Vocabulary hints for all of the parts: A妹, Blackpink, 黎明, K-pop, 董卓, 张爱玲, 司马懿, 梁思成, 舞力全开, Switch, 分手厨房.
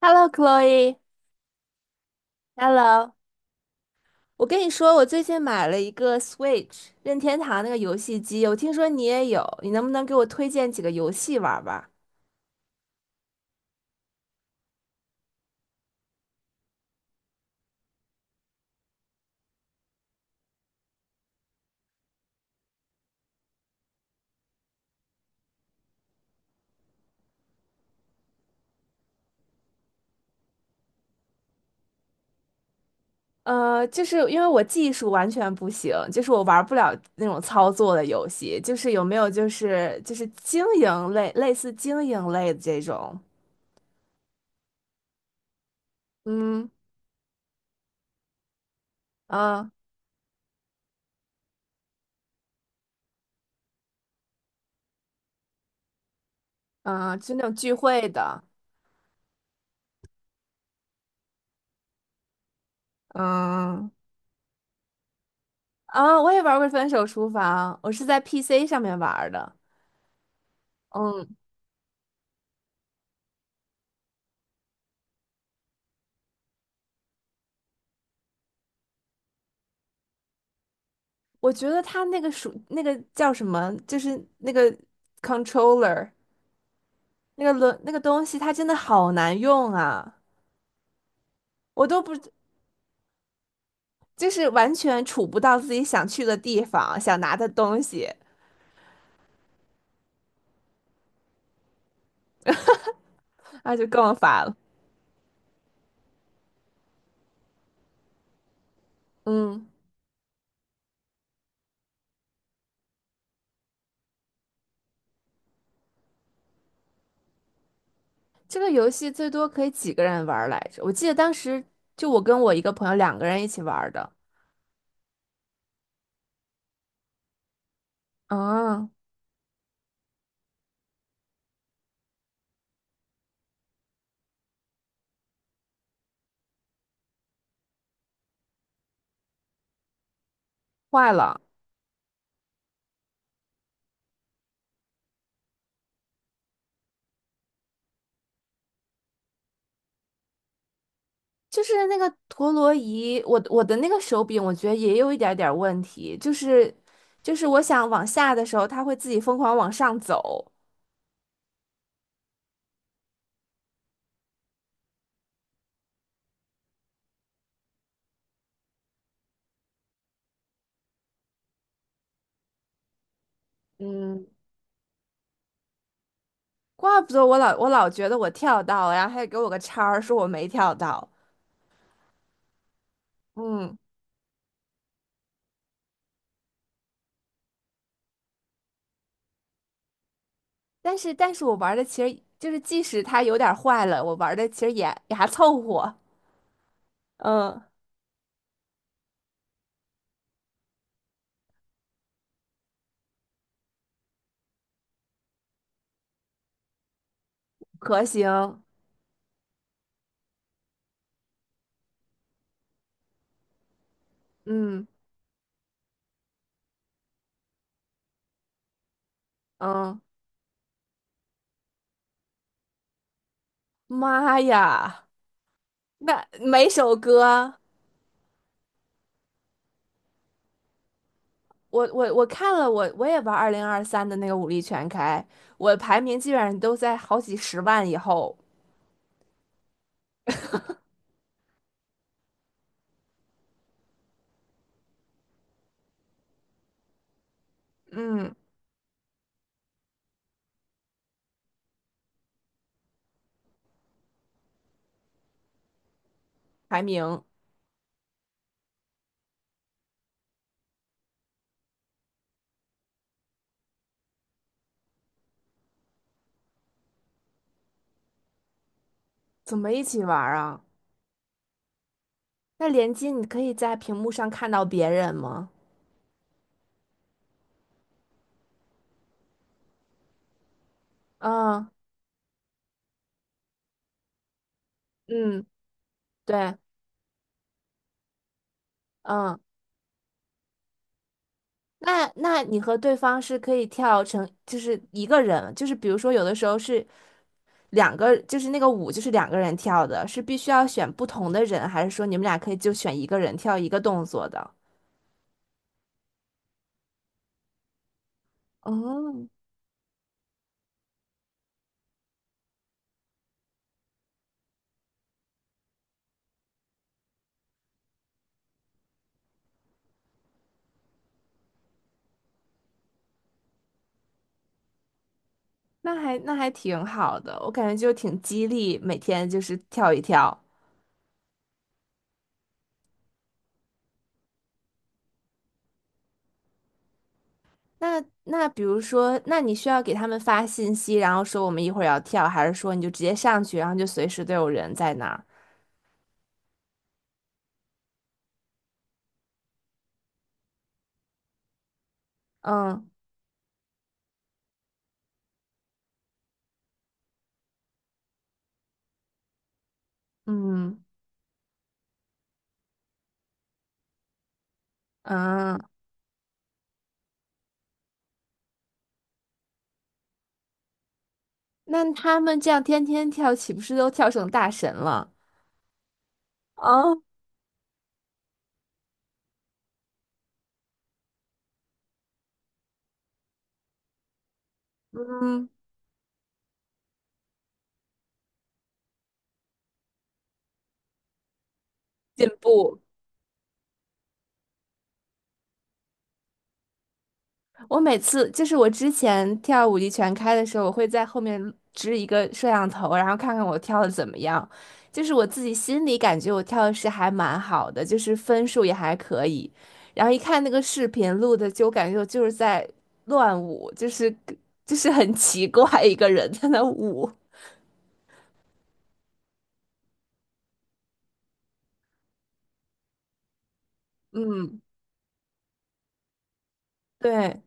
Hello，Chloe，Hello，我跟你说，我最近买了一个 Switch 任天堂那个游戏机，我听说你也有，你能不能给我推荐几个游戏玩儿吧？就是因为我技术完全不行，就是我玩不了那种操作的游戏，就是有没有就是经营类，类似经营类的这种。嗯嗯嗯，就那种聚会的。嗯。啊，我也玩过《分手厨房》，我是在 PC 上面玩儿的。嗯我觉得它那个叫什么，就是那个 controller 那个轮那个东西，它真的好难用啊！我都不就是完全触不到自己想去的地方，想拿的东西，那就更烦了。嗯，这个游戏最多可以几个人玩儿来着？我记得当时就我跟我一个朋友两个人一起玩儿的。嗯，坏了。就是那个陀螺仪，我的那个手柄，我觉得也有一点点问题，就是我想往下的时候，它会自己疯狂往上走。嗯怪不得我老觉得我跳到了，然后还给我个叉儿，说我没跳到。嗯，但是我玩的其实就是，即使它有点坏了，我玩的其实也还凑合。嗯，可行。嗯嗯，妈呀，那每首歌。我看了，我也玩二零二三的那个武力全开，我排名基本上都在好几十万以后。嗯，排名。怎么一起玩儿啊？那联机你可以在屏幕上看到别人吗？嗯嗯，对，嗯，那你和对方是可以跳成就是一个人，就是比如说有的时候是两个，就是那个舞就是两个人跳的，是必须要选不同的人，还是说你们俩可以就选一个人跳一个动作的？哦，那还那还挺好的，我感觉就挺激励，每天就是跳一跳。那比如说，那你需要给他们发信息，然后说我们一会儿要跳，还是说你就直接上去，然后就随时都有人在那儿？嗯嗯嗯，那他们这样天天跳，岂不是都跳成大神了？啊。嗯，进步。我每次就是我之前跳舞力全开的时候，我会在后面支一个摄像头，然后看看我跳的怎么样。就是我自己心里感觉我跳的是还蛮好的，就是分数也还可以。然后一看那个视频录的，就感觉我就是在乱舞，就是很奇怪一个人在那舞。嗯，对，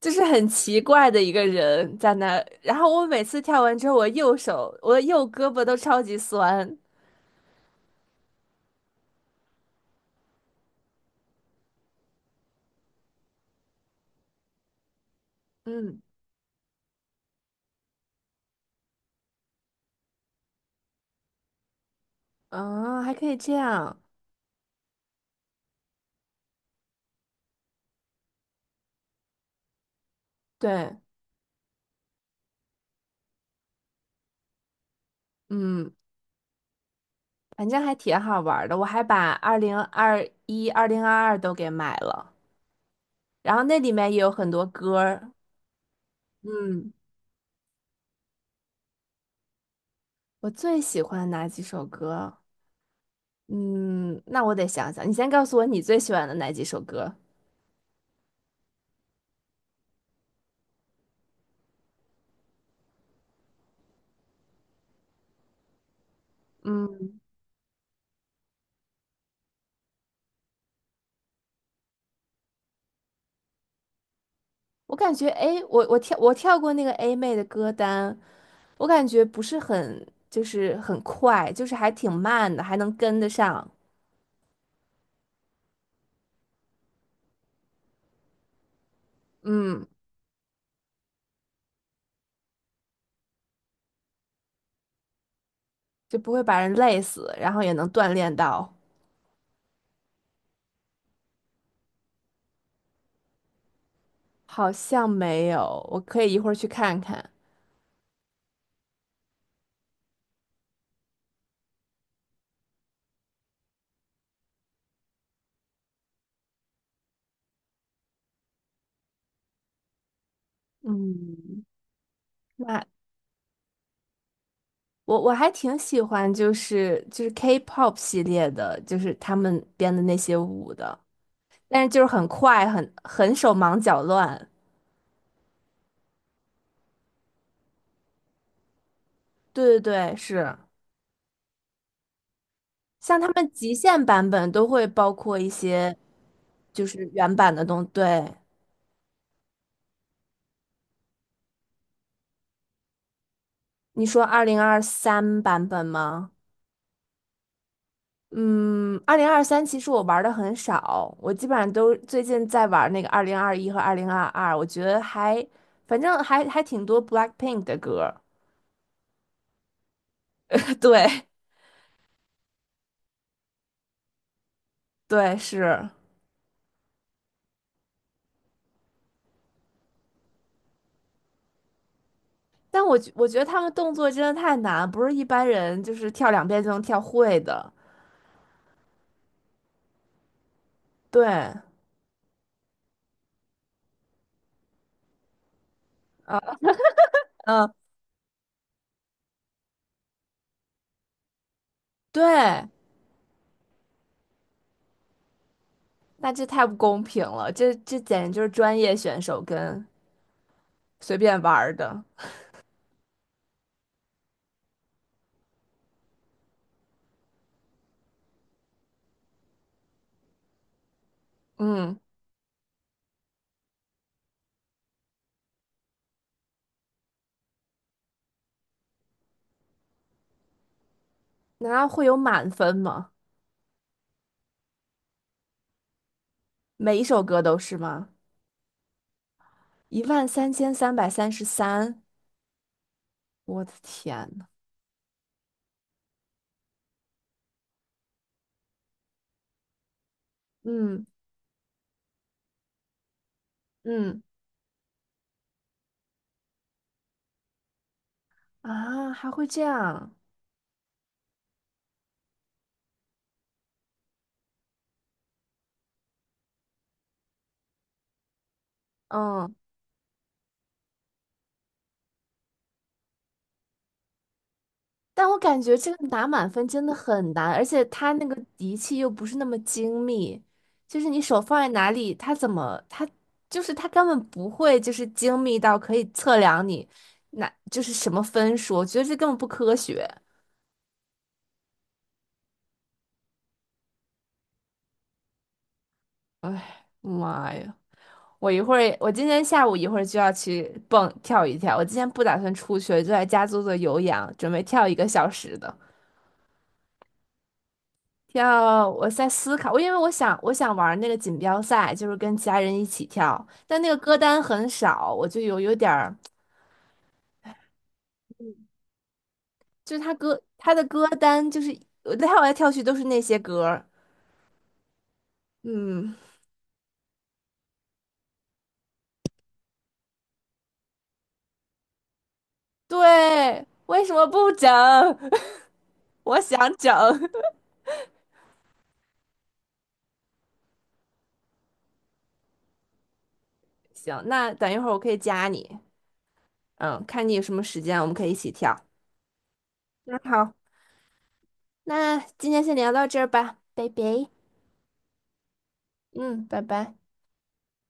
就是很奇怪的一个人在那儿。然后我每次跳完之后，我右手我右胳膊都超级酸。嗯。嗯，还可以这样，对，嗯，反正还挺好玩儿的。我还把二零二一、二零二二都给买了，然后那里面也有很多歌儿。嗯，我最喜欢哪几首歌？嗯，那我得想想。你先告诉我你最喜欢的哪几首歌？嗯，我感觉，哎，我跳过那个 A 妹的歌单，我感觉不是很，就是很快，就是还挺慢的，还能跟得上。嗯，就不会把人累死，然后也能锻炼到。好像没有，我可以一会儿去看看。嗯，那我还挺喜欢，就是 K-pop 系列的，就是他们编的那些舞的，但是就是很快，很手忙脚乱。对对对，是，像他们极限版本都会包括一些就是原版的东，对，你说二零二三版本吗？嗯，二零二三其实我玩的很少，我基本上都最近在玩那个二零二一和二零二二，我觉得还反正还还挺多 Blackpink 的歌儿。对对是，但我觉得他们动作真的太难，不是一般人就是跳两遍就能跳会的。对。嗯，对，那这太不公平了，这简直就是专业选手跟随便玩儿的。嗯，难道会有满分吗？每一首歌都是吗？13,333，我的天呐。嗯嗯。啊，还会这样。嗯，但我感觉这个拿满分真的很难，而且他那个仪器又不是那么精密，就是你手放在哪里，他根本不会就是精密到可以测量你那就是什么分数，我觉得这根本不科学。哎，妈呀！我今天下午一会儿就要去蹦跳一跳。我今天不打算出去，就在家做做有氧，准备跳一个小时的。跳，我在思考，我因为我想我想玩那个锦标赛，就是跟其他人一起跳，但那个歌单很少，我就有点儿，就是他的歌单就是我跳来跳去都是那些歌儿。嗯，对，为什么不整？我想整。行，那等一会儿我可以加你。嗯，看你有什么时间，我们可以一起跳。嗯，好。那今天先聊到这儿吧，拜拜。嗯，拜拜。